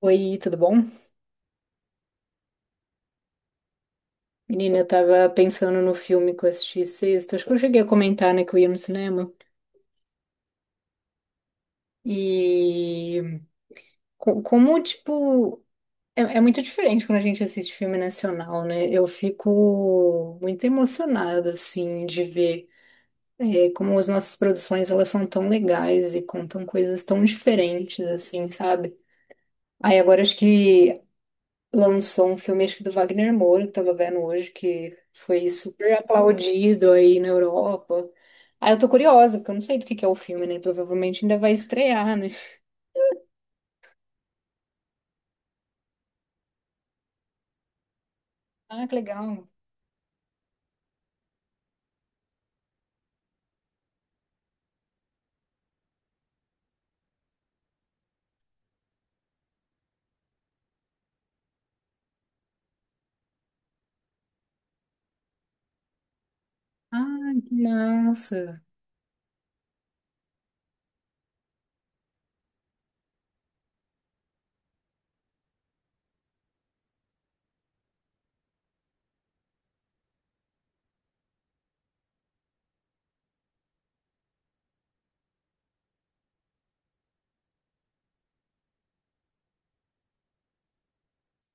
Oi, tudo bom? Menina, eu tava pensando no filme que eu assisti sexta, acho que eu cheguei a comentar, né, que eu ia no cinema. E co- como, tipo, é, é muito diferente quando a gente assiste filme nacional, né? Eu fico muito emocionada, assim, de ver como as nossas produções, elas são tão legais e contam coisas tão diferentes, assim, sabe? Aí agora acho que lançou um filme, acho que do Wagner Moura, que eu tava vendo hoje, que foi super aplaudido aí na Europa. Ah, eu tô curiosa, porque eu não sei do que é o filme, né? Provavelmente ainda vai estrear, né? Ah, que legal. Ah, que massa.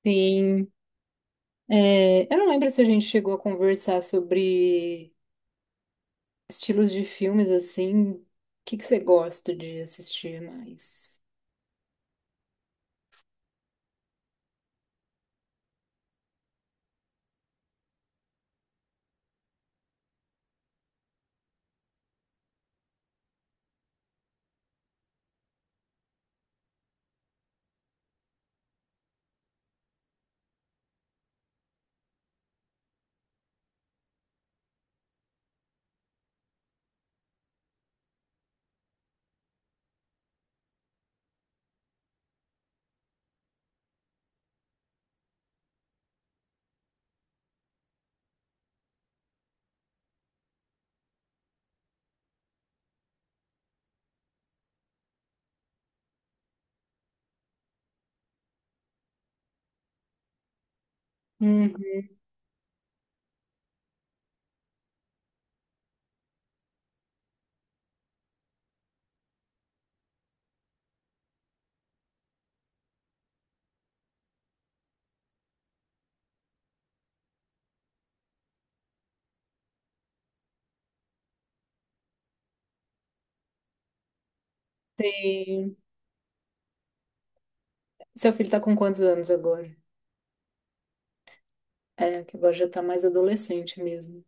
Sim. É, eu não lembro se a gente chegou a conversar sobre estilos de filmes assim. O que que você gosta de assistir mais? Uhum. Sim. Seu filho tá com quantos anos agora? É, que agora já tá mais adolescente mesmo.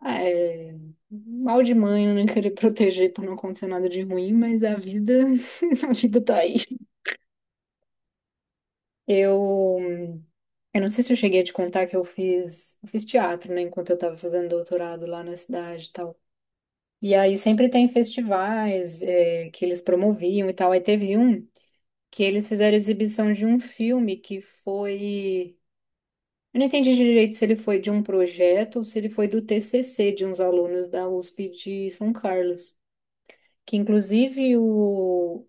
Ah, é, mal de mãe, eu não querer proteger pra não acontecer nada de ruim, mas a vida, a vida tá aí. Eu, eu não sei se eu cheguei a te contar que eu fiz teatro, né, enquanto eu tava fazendo doutorado lá na cidade e tal. E aí sempre tem festivais, que eles promoviam e tal. Aí teve um que eles fizeram exibição de um filme que foi. Eu não entendi direito se ele foi de um projeto ou se ele foi do TCC de uns alunos da USP de São Carlos. Que inclusive o,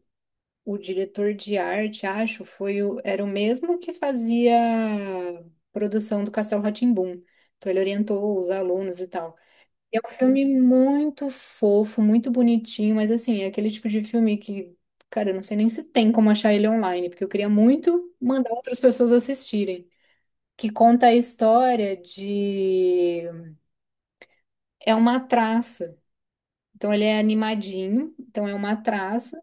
o diretor de arte, acho, era o mesmo que fazia produção do Castelo rá tim Então ele orientou os alunos e tal. É um filme muito fofo, muito bonitinho, mas assim, é aquele tipo de filme que, cara, eu não sei nem se tem como achar ele online, porque eu queria muito mandar outras pessoas assistirem. Que conta a história de. É uma traça. Então ele é animadinho, então é uma traça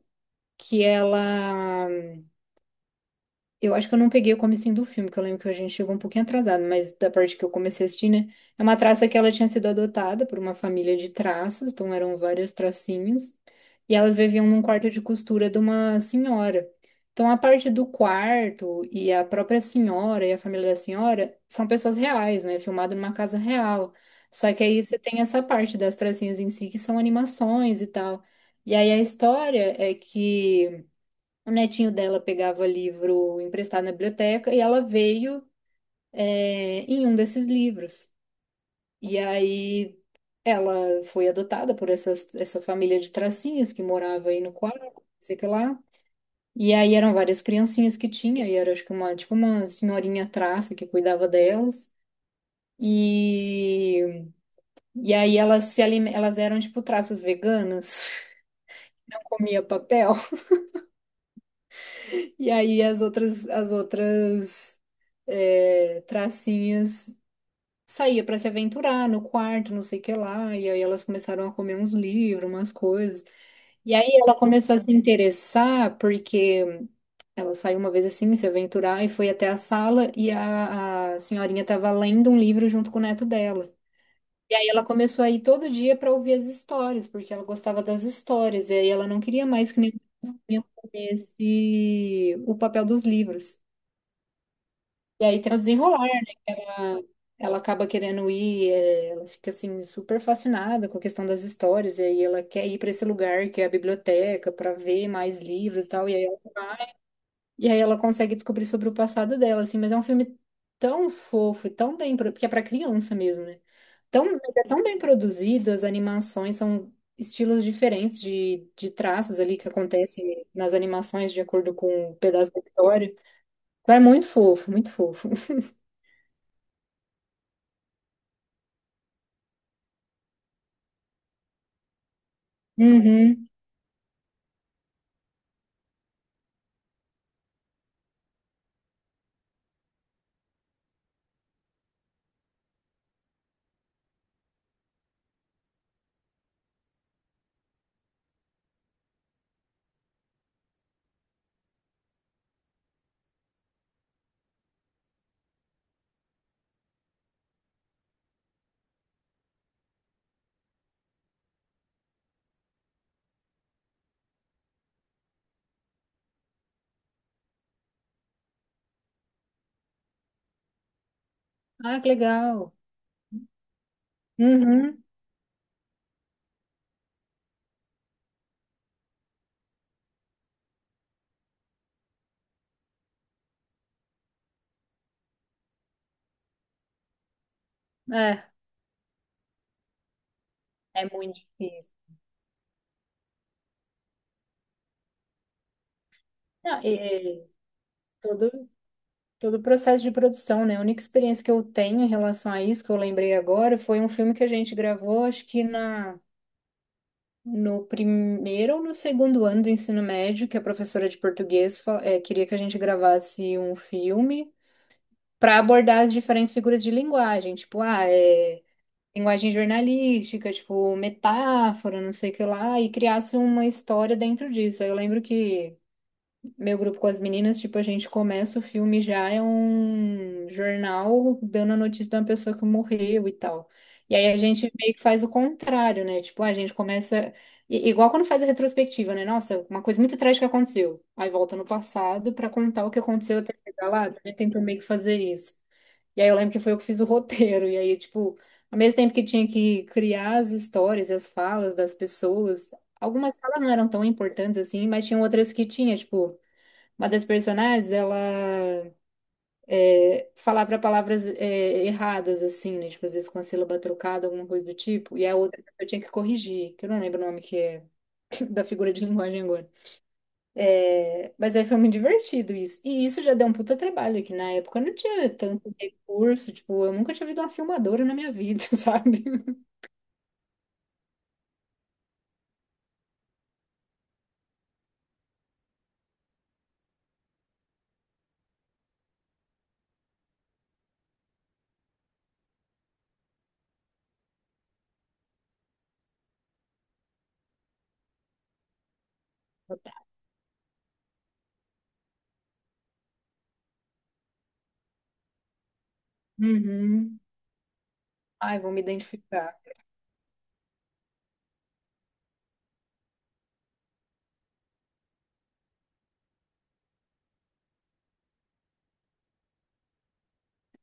que ela. Eu acho que eu não peguei o comecinho do filme, que eu lembro que a gente chegou um pouquinho atrasado, mas da parte que eu comecei a assistir, né? É uma traça que ela tinha sido adotada por uma família de traças, então eram várias tracinhas, e elas viviam num quarto de costura de uma senhora. Então a parte do quarto e a própria senhora e a família da senhora são pessoas reais, né? Filmado numa casa real. Só que aí você tem essa parte das tracinhas em si, que são animações e tal. E aí a história é que. O netinho dela pegava livro emprestado na biblioteca e ela veio, em um desses livros. E aí ela foi adotada por essa família de tracinhas que morava aí no quarto, não sei o que lá. E aí eram várias criancinhas que tinha, e era acho que uma, tipo uma senhorinha traça que cuidava delas. E, e aí elas se alime- elas eram tipo traças veganas, comia papel. E aí as outras tracinhas saía para se aventurar no quarto, não sei o que lá, e aí elas começaram a comer uns livros, umas coisas. E aí ela começou a se interessar porque ela saiu uma vez assim, se aventurar e foi até a sala e a senhorinha estava lendo um livro junto com o neto dela. E aí ela começou a ir todo dia para ouvir as histórias, porque ela gostava das histórias, e aí ela não queria mais que nenhum comesse o papel dos livros. E aí tem o desenrolar. Ela acaba querendo ir, ela fica assim super fascinada com a questão das histórias, e aí ela quer ir para esse lugar que é a biblioteca para ver mais livros e tal, e aí ela consegue descobrir sobre o passado dela, assim, mas é um filme tão fofo e tão bem, porque é para criança mesmo, né? Tão, mas é tão bem produzido, as animações são estilos diferentes de traços ali que acontecem nas animações de acordo com o pedaço da história. Então é muito fofo, muito fofo. Uhum. Ah, que legal. Uhum. É. É muito difícil. Não, e todo, todo o processo de produção, né? A única experiência que eu tenho em relação a isso, que eu lembrei agora, foi um filme que a gente gravou, acho que no primeiro ou no segundo ano do ensino médio, que a professora de português, queria que a gente gravasse um filme para abordar as diferentes figuras de linguagem, tipo, linguagem jornalística, tipo, metáfora, não sei o que lá, e criasse uma história dentro disso. Aí eu lembro que. Meu grupo com as meninas, tipo, a gente começa o filme já é um jornal dando a notícia de uma pessoa que morreu e tal. E aí a gente meio que faz o contrário, né? Tipo, a gente começa. Igual quando faz a retrospectiva, né? Nossa, uma coisa muito trágica aconteceu. Aí volta no passado pra contar o que aconteceu até chegar lá. Também tentou meio que fazer isso. E aí eu lembro que foi eu que fiz o roteiro. E aí, tipo, ao mesmo tempo que tinha que criar as histórias e as falas das pessoas, algumas falas não eram tão importantes assim, mas tinham outras que tinha, tipo. Uma das personagens, ela falava palavras erradas, assim, né? Tipo, às vezes com a sílaba trocada, alguma coisa do tipo. E a outra eu tinha que corrigir, que eu não lembro o nome que é da figura de linguagem agora. É, mas aí foi muito divertido isso. E isso já deu um puta trabalho, que na época eu não tinha tanto recurso, tipo, eu nunca tinha visto uma filmadora na minha vida, sabe? Uhum. Ai, vou me identificar.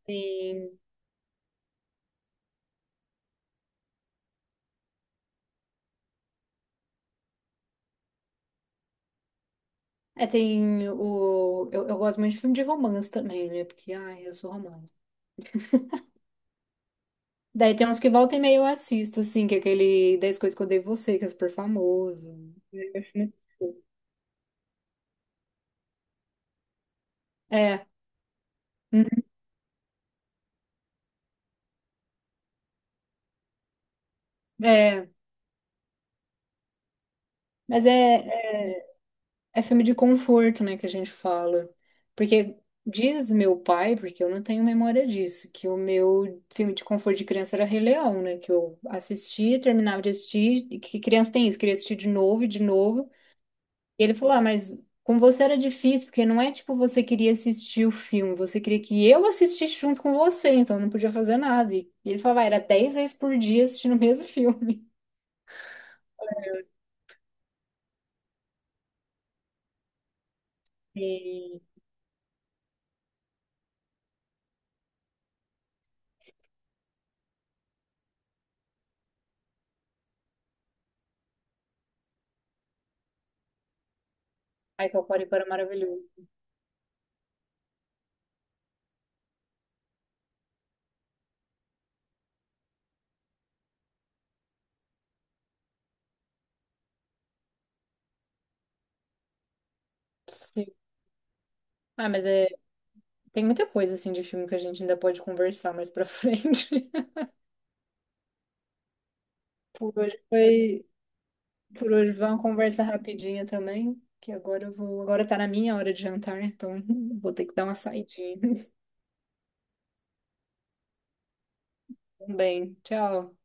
Tem, tem o. Eu gosto muito de filme de romance também, né? Porque, ai, eu sou romance. Daí tem uns que volta e meia eu assisto, assim, que é aquele dez coisas que eu odeio em você, que é super famoso. É, uhum, é. Mas é é filme de conforto, né, que a gente fala. Porque diz meu pai, porque eu não tenho memória disso, que o meu filme de conforto de criança era Rei Leão, né? Que eu assistia, terminava de assistir, e que criança tem isso, queria assistir de novo. E ele falou: Ah, mas com você era difícil, porque não é tipo você queria assistir o filme, você queria que eu assistisse junto com você, então eu não podia fazer nada. E ele falava: ah, era 10 vezes por dia assistindo o mesmo filme. E ai, Pacorico era maravilhoso. Sim. Ah, mas é, tem muita coisa assim de filme que a gente ainda pode conversar mais pra frente. Por hoje foi, por hoje foi uma conversa rapidinha também, que agora eu vou, agora tá na minha hora de jantar, então vou ter que dar uma saidinha. Então, bem, tchau.